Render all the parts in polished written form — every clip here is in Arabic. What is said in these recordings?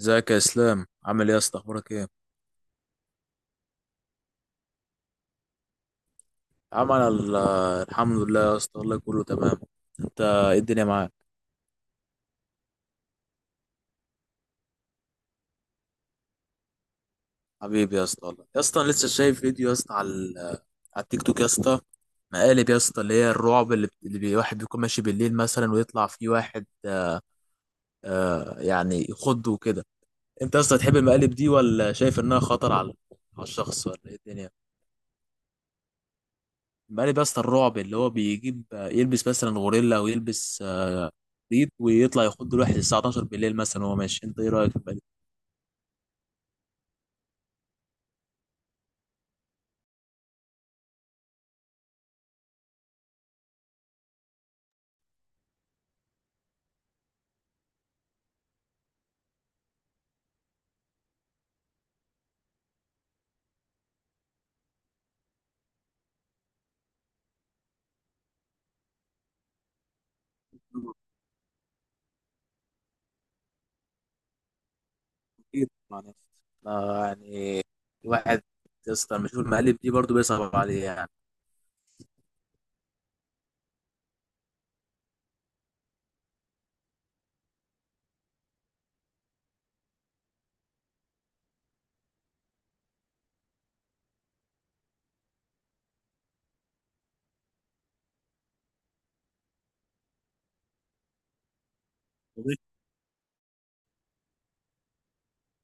ازيك يا اسلام؟ عامل ايه يا اسطى؟ اخبارك ايه؟ عمل الحمد لله يا اسطى، والله كله تمام. انت ايه الدنيا معاك؟ حبيبي يا اسطى، والله يا اسطى، انا لسه شايف فيديو يا اسطى على التيك توك يا اسطى، مقالب يا اسطى، اللي هي الرعب اللي, بت- اللي بي- واحد بيكون ماشي بالليل مثلا، ويطلع فيه واحد يعني يخضه وكده. انت يا اسطى تحب المقالب دي، ولا شايف انها خطر على الشخص، ولا ايه الدنيا؟ مقلب يا اسطى الرعب اللي هو بيجيب يلبس مثلا غوريلا، او يلبس ريد، ويطلع يخض الواحد الساعه 12 بالليل مثلا وهو ماشي. انت ايه رايك في المقالب؟ كتير طبعا يا اسطى. يعني الواحد يا اسطى لما يشوف المقالب دي برضه بيصعب عليه يعني.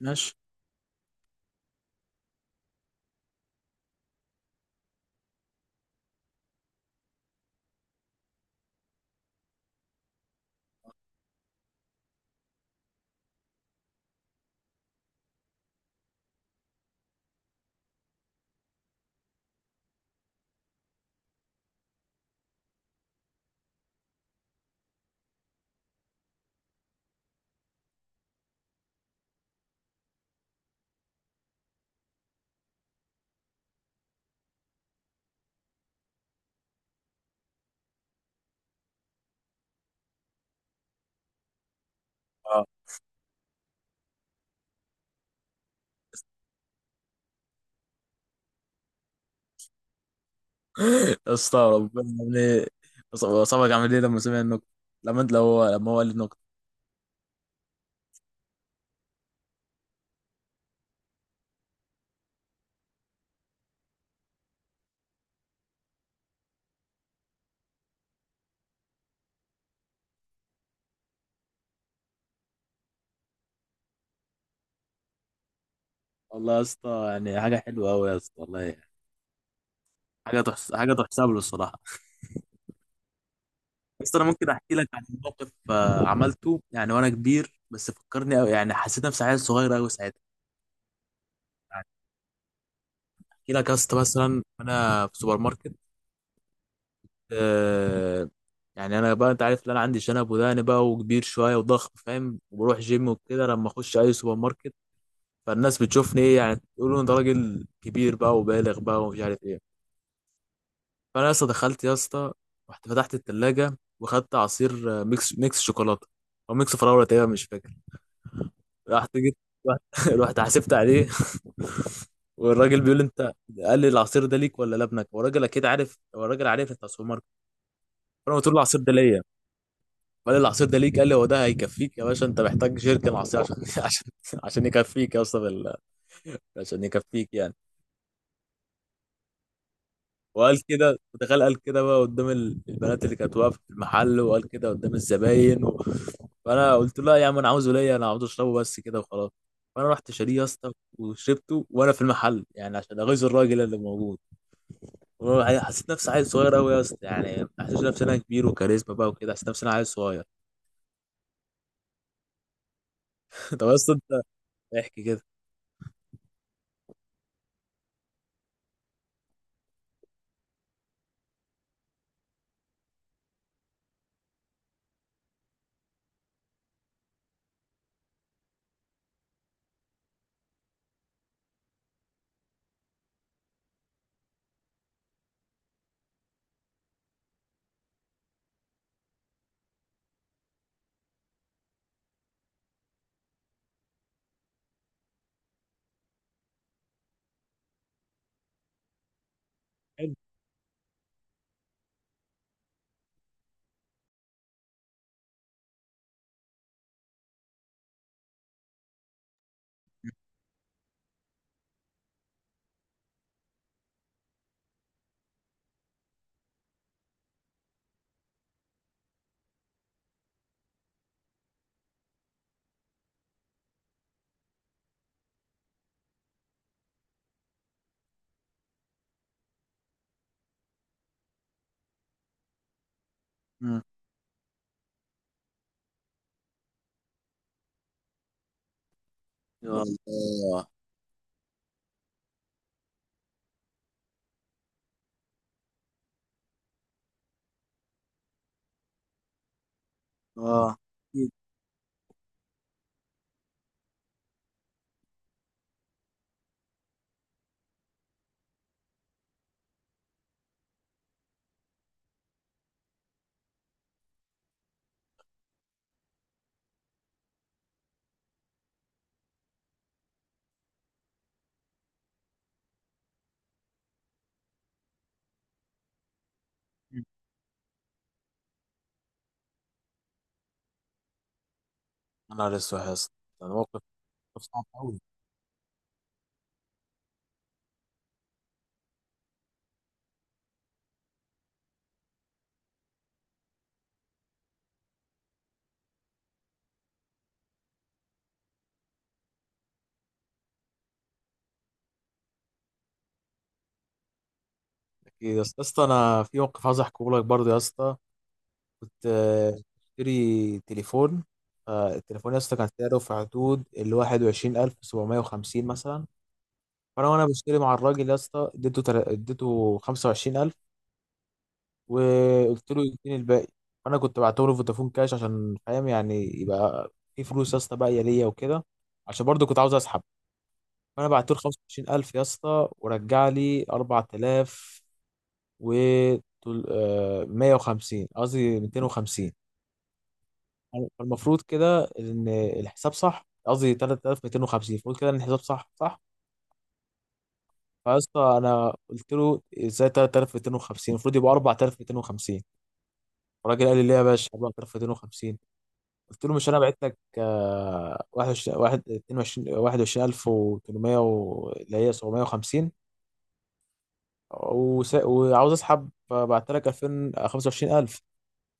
ماشي. اه. يا اسطى، ربنا عامل ايه؟ صاحبك عامل ايه لما سمع النكته؟ لما هو قال النكته. والله يا اسطى يعني حاجه حلوه قوي يا اسطى، والله يعني. حاجه تحسب له الصراحه. بس انا ممكن احكي لك عن موقف عملته يعني وانا كبير، بس فكرني أوي. يعني حسيت نفسي عيل صغير قوي ساعتها. يعني احكي لك يا اسطى مثلا انا في سوبر ماركت. آه، يعني انا بقى انت عارف ان انا عندي شنب وداني بقى، وكبير شويه وضخم، فاهم؟ وبروح جيم وكده، لما اخش اي سوبر ماركت فالناس بتشوفني ايه؟ يعني تقولوا انت راجل كبير بقى وبالغ بقى، ومش عارف ايه. فانا يا اسطى دخلت يا اسطى، رحت فتحت التلاجه واخدت عصير ميكس شوكولاته، او ميكس فراوله تقريبا مش فاكر. رحت جيت رحت رحت حسبت عليه. والراجل بيقول لي انت، قال لي: العصير ده ليك ولا لابنك؟ والراجل اكيد عارف، هو الراجل عارف انت سوبر ماركت. فانا قلت له: العصير ده ليا. قال لي: العصير ده ليك؟ قال لي: هو ده هيكفيك يا باشا؟ انت محتاج جيركن عصير عشان عشان عشان يكفيك يا اسطى، عشان يكفيك يعني. وقال كده، متخيل؟ قال كده بقى قدام البنات اللي كانت واقفه في المحل، وقال كده قدام الزباين فانا قلت له: لا يا عم، انا عاوزه ليا، انا عاوز اشربه بس كده وخلاص. فانا رحت شاريه يا اسطى، وشربته وانا في المحل يعني عشان اغيظ الراجل اللي موجود. وأنا حسيت نفسي عيل صغير قوي يا اسطى، يعني ما حسيتش نفسي انا كبير وكاريزما بقى وكده، حسيت نفسي انا عيل صغير. طب يا اسطى انت احكي كده. حلو. مم. يا الله. اه. يا نهار اسود يا اسطى، ده موقف. موقف صعب قوي. يا اسطى، يا اسطى، انا في موقف عايز احكيه لك برضه يا اسطى. كنت بشتري تليفون. التليفون يا اسطى كان سعره في حدود ال 21750 مثلا. فانا وانا بشتري مع الراجل يا اسطى، اديته 25000، وقلت له يديني الباقي. فانا كنت بعته له فودافون كاش عشان فاهم يعني، يبقى في فلوس يا اسطى باقيه ليا وكده، عشان برضه كنت عاوز اسحب. فانا بعت له 25000 يا اسطى، ورجع لي 4000 و طول- آه، 150 قصدي 250. فالمفروض كده ان الحساب صح، قصدي 3250. المفروض كده ان الحساب صح صح. فاسطى انا قلت له: ازاي 3250؟ المفروض يبقى 4250. الراجل قال لي: ليه يا باشا 4250؟ قلت له: مش انا بعت لك 22 21800 اللي هي 750، وعاوز اسحب، بعت لك 2000 25000.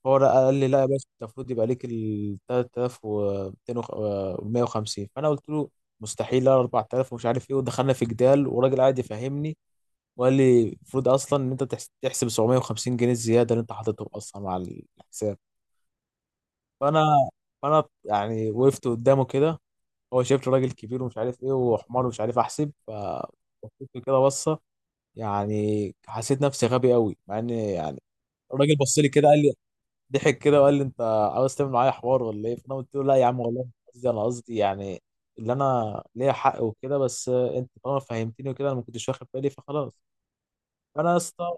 هو قال لي: لا يا باشا، أنت المفروض يبقى ليك ال 3250. فانا قلت له: مستحيل، لا 4000 ومش عارف ايه. ودخلنا في جدال، وراجل قاعد يفهمني وقال لي: المفروض اصلا ان انت تحسب 750 جنيه الزياده اللي انت حاططهم اصلا مع الحساب. فانا فانا يعني وقفت قدامه كده، هو شايف راجل كبير ومش عارف ايه وحمار ومش عارف احسب، ف بصيت له كده بصه. يعني حسيت نفسي غبي قوي، مع ان يعني الراجل بص لي كده قال لي، ضحك كده وقال لي: انت عاوز تعمل معايا حوار ولا ايه؟ فانا قلت له: لا يا عم والله مش قصدي، انا قصدي يعني اللي انا ليا حق وكده، بس انت طالما فهمتني وكده، انا ما كنتش واخد بالي فخلاص. فانا يا اسطى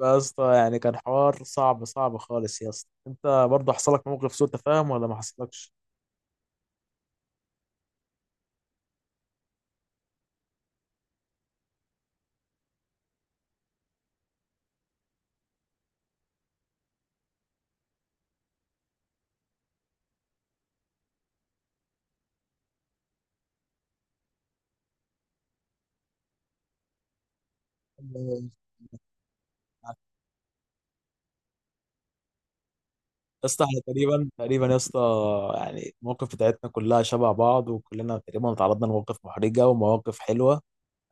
يا اسطى يعني كان حوار صعب صعب خالص يا اسطى. انت برضه حصل لك موقف سوء تفاهم، ولا ما حصلكش؟ يا اسطى، احنا تقريبا تقريبا يا اسطى، يعني المواقف بتاعتنا كلها شبه بعض، وكلنا تقريبا تعرضنا لمواقف محرجه ومواقف حلوه،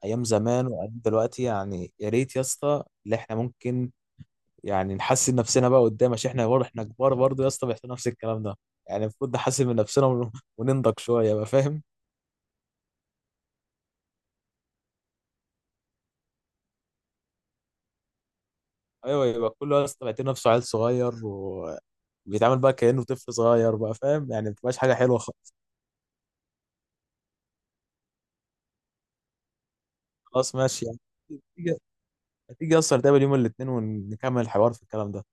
ايام زمان وايام دلوقتي. يعني يا ريت يا اسطى اللي احنا ممكن يعني نحسن نفسنا بقى قدام، عشان احنا برضه احنا كبار برضه يا اسطى، بيحصل نفس الكلام ده. يعني المفروض نحسن من نفسنا وننضج شويه بقى، فاهم؟ ايوه، يبقى كله يا اسطى بيعتبر نفسه عيل صغير، وبيتعامل بقى كانه طفل صغير بقى، فاهم يعني؟ ما بتبقاش حاجه حلوه خالص. خلاص ماشي يعني. هتيجي هتيجي اصلا نتقابل يوم الاثنين ونكمل الحوار في الكلام ده؟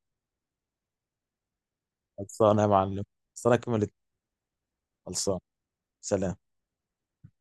خلصانه يا معلم. خلصانه يوم الاثنين. خلصانه. سلام.